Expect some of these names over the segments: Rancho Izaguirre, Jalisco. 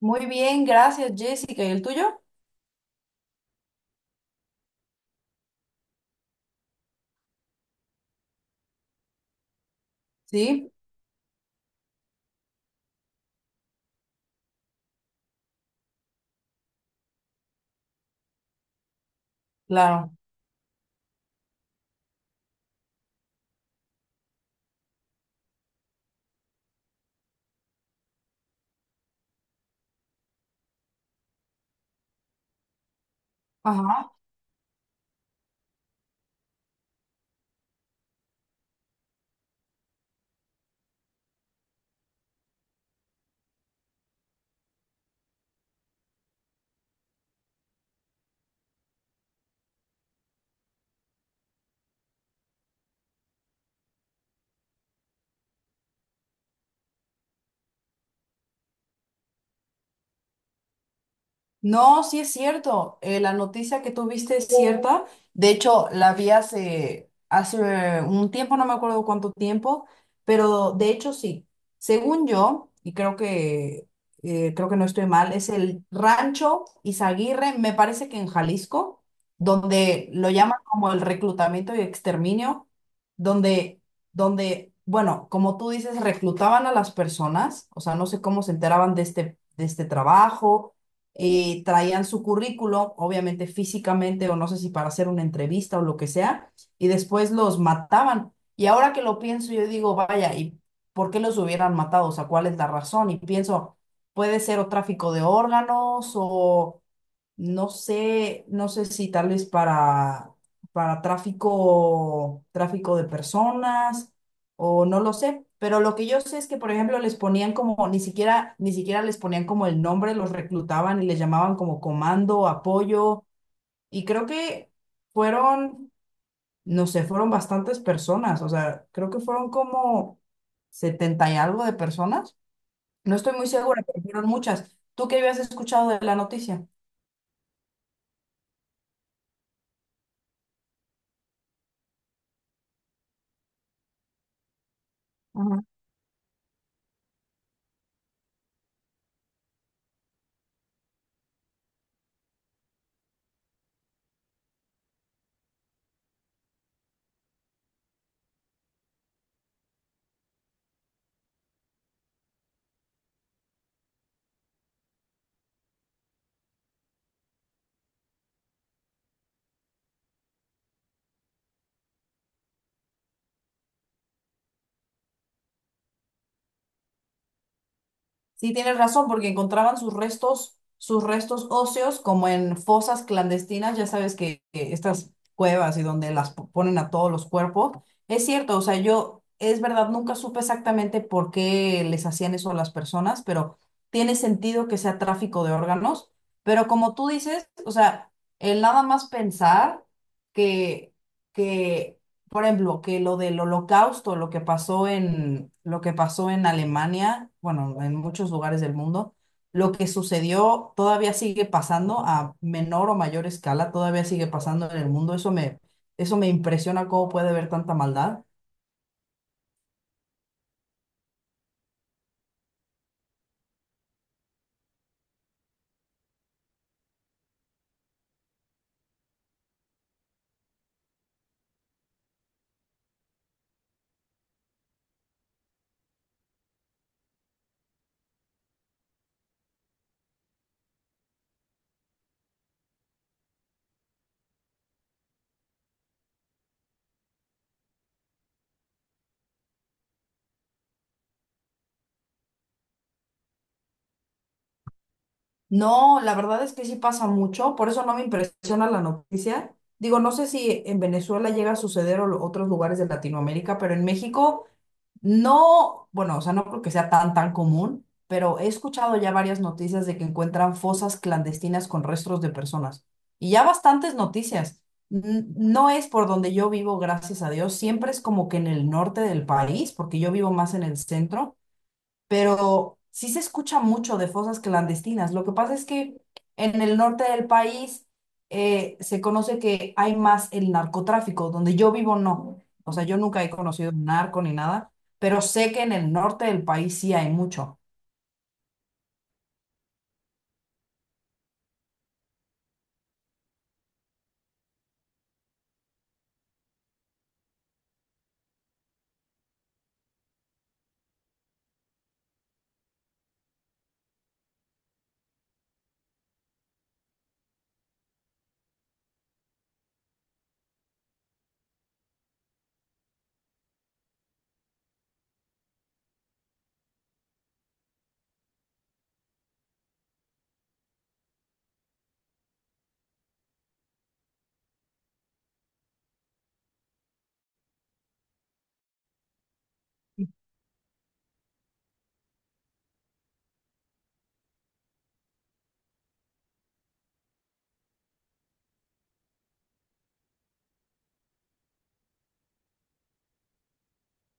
Muy bien, gracias, Jessica. ¿Y el tuyo? Sí, claro. Ajá. No, sí es cierto. La noticia que tuviste es cierta. De hecho, la vi hace un tiempo, no me acuerdo cuánto tiempo, pero de hecho sí. Según yo, y creo que no estoy mal, es el Rancho Izaguirre, me parece que en Jalisco, donde lo llaman como el reclutamiento y exterminio, donde, donde, bueno, como tú dices, reclutaban a las personas, o sea, no sé cómo se enteraban de este trabajo traían su currículo, obviamente físicamente, o no sé si para hacer una entrevista o lo que sea, y después los mataban. Y ahora que lo pienso, yo digo, vaya, ¿y por qué los hubieran matado? O sea, ¿cuál es la razón? Y pienso, puede ser o tráfico de órganos o no sé, no sé si tal vez para tráfico, tráfico de personas, o no lo sé, pero lo que yo sé es que, por ejemplo, les ponían como, ni siquiera, ni siquiera les ponían como el nombre, los reclutaban y les llamaban como comando, apoyo, y creo que fueron, no sé, fueron bastantes personas, o sea, creo que fueron como setenta y algo de personas. No estoy muy segura, pero fueron muchas. ¿Tú qué habías escuchado de la noticia? Sí, tienes razón, porque encontraban sus restos óseos como en fosas clandestinas, ya sabes que estas cuevas y donde las ponen a todos los cuerpos. Es cierto, o sea, yo, es verdad, nunca supe exactamente por qué les hacían eso a las personas, pero tiene sentido que sea tráfico de órganos. Pero como tú dices, o sea, el nada más pensar que, que por ejemplo, que lo del holocausto, lo que pasó en, lo que pasó en Alemania, bueno, en muchos lugares del mundo, lo que sucedió todavía sigue pasando a menor o mayor escala, todavía sigue pasando en el mundo. Eso me impresiona cómo puede haber tanta maldad. No, la verdad es que sí pasa mucho, por eso no me impresiona la noticia. Digo, no sé si en Venezuela llega a suceder o otros lugares de Latinoamérica, pero en México no, bueno, o sea, no creo que sea tan común, pero he escuchado ya varias noticias de que encuentran fosas clandestinas con restos de personas. Y ya bastantes noticias. No es por donde yo vivo, gracias a Dios. Siempre es como que en el norte del país, porque yo vivo más en el centro, pero sí se escucha mucho de fosas clandestinas. Lo que pasa es que en el norte del país se conoce que hay más el narcotráfico, donde yo vivo no. O sea, yo nunca he conocido un narco ni nada, pero sé que en el norte del país sí hay mucho.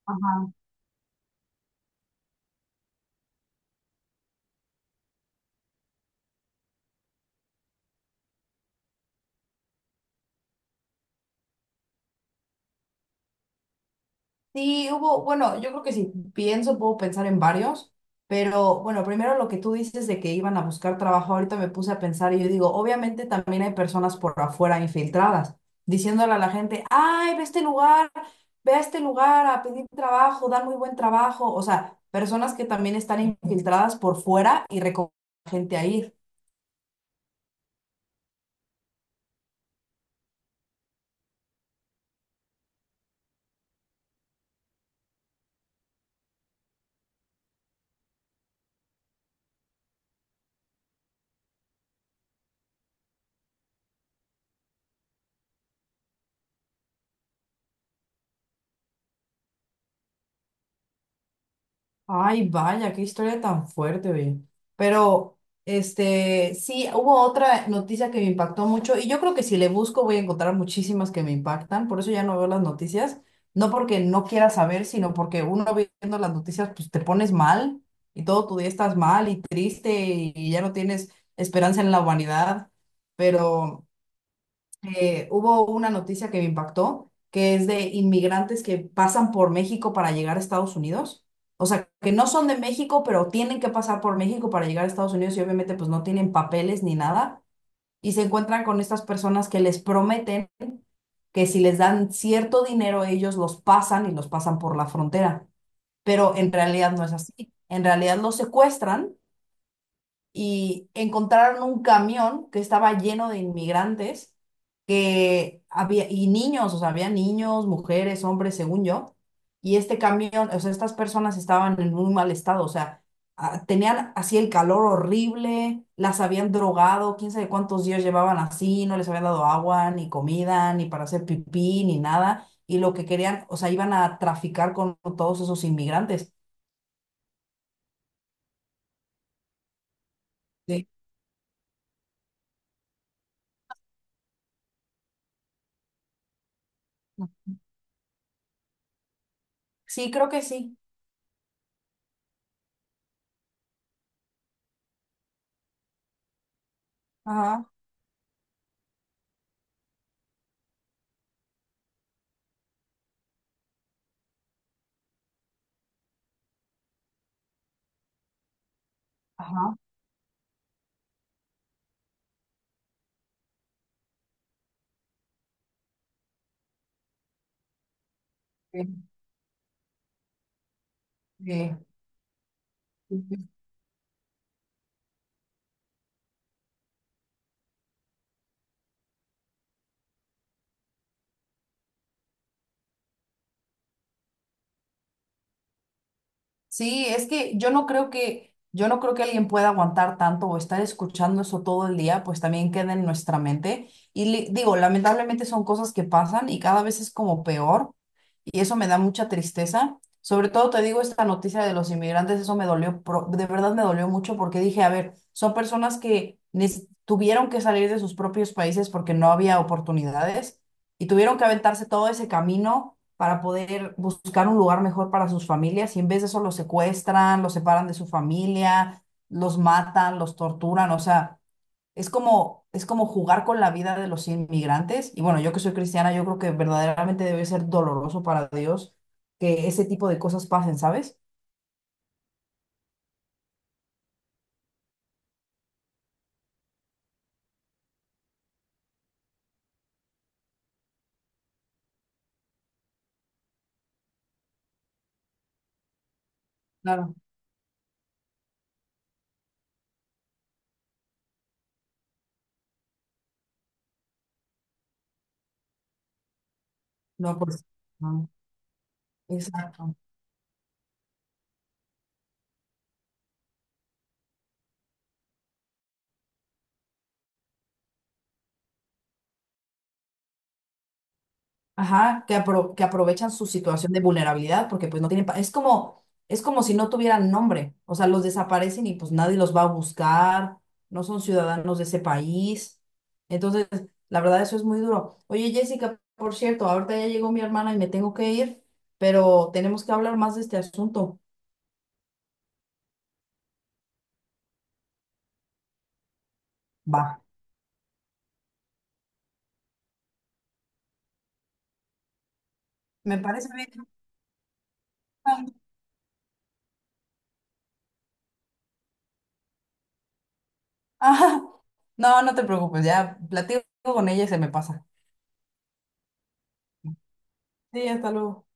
Ajá. Sí, hubo, bueno, yo creo que si pienso, puedo pensar en varios, pero bueno, primero lo que tú dices de que iban a buscar trabajo, ahorita me puse a pensar y yo digo, obviamente también hay personas por afuera infiltradas, diciéndole a la gente, ay, ve a este lugar, ve a este lugar a pedir trabajo, dan muy buen trabajo, o sea, personas que también están infiltradas por fuera y recomiendan gente a ir. Ay, vaya, qué historia tan fuerte, oye. Pero, este, sí, hubo otra noticia que me impactó mucho y yo creo que si le busco voy a encontrar muchísimas que me impactan, por eso ya no veo las noticias, no porque no quiera saber, sino porque uno viendo las noticias, pues te pones mal y todo tu día estás mal y triste y ya no tienes esperanza en la humanidad, pero hubo una noticia que me impactó, que es de inmigrantes que pasan por México para llegar a Estados Unidos. O sea, que no son de México, pero tienen que pasar por México para llegar a Estados Unidos y obviamente pues no tienen papeles ni nada. Y se encuentran con estas personas que les prometen que si les dan cierto dinero, ellos los pasan y los pasan por la frontera. Pero en realidad no es así. En realidad los secuestran y encontraron un camión que estaba lleno de inmigrantes que había, y niños, o sea, había niños, mujeres, hombres, según yo, y este camión, o sea, estas personas estaban en muy mal estado, o sea, tenían así el calor horrible, las habían drogado, quién sabe cuántos días llevaban así, no les habían dado agua, ni comida, ni para hacer pipí, ni nada, y lo que querían, o sea, iban a traficar con todos esos inmigrantes. Sí. Sí, creo que sí. Ajá, ajá. Sí. Sí, es que yo no creo que, yo no creo que alguien pueda aguantar tanto o estar escuchando eso todo el día, pues también queda en nuestra mente. Y digo, lamentablemente son cosas que pasan y cada vez es como peor y eso me da mucha tristeza. Sobre todo te digo esta noticia de los inmigrantes, eso me dolió, de verdad me dolió mucho porque dije, a ver, son personas que tuvieron que salir de sus propios países porque no había oportunidades y tuvieron que aventarse todo ese camino para poder buscar un lugar mejor para sus familias y en vez de eso los secuestran, los separan de su familia, los matan, los torturan, o sea, es como jugar con la vida de los inmigrantes y bueno, yo que soy cristiana, yo creo que verdaderamente debe ser doloroso para Dios que ese tipo de cosas pasen, ¿sabes? Claro. No, pues, no, exacto. Ajá, que, que aprovechan su situación de vulnerabilidad porque pues no tienen, es como si no tuvieran nombre, o sea, los desaparecen y pues nadie los va a buscar, no son ciudadanos de ese país. Entonces, la verdad, eso es muy duro. Oye, Jessica, por cierto, ahorita ya llegó mi hermana y me tengo que ir, pero tenemos que hablar más de este asunto. Va. Me parece bien. Ah, no, no te preocupes, ya platico con ella y se me pasa. Sí, hasta luego.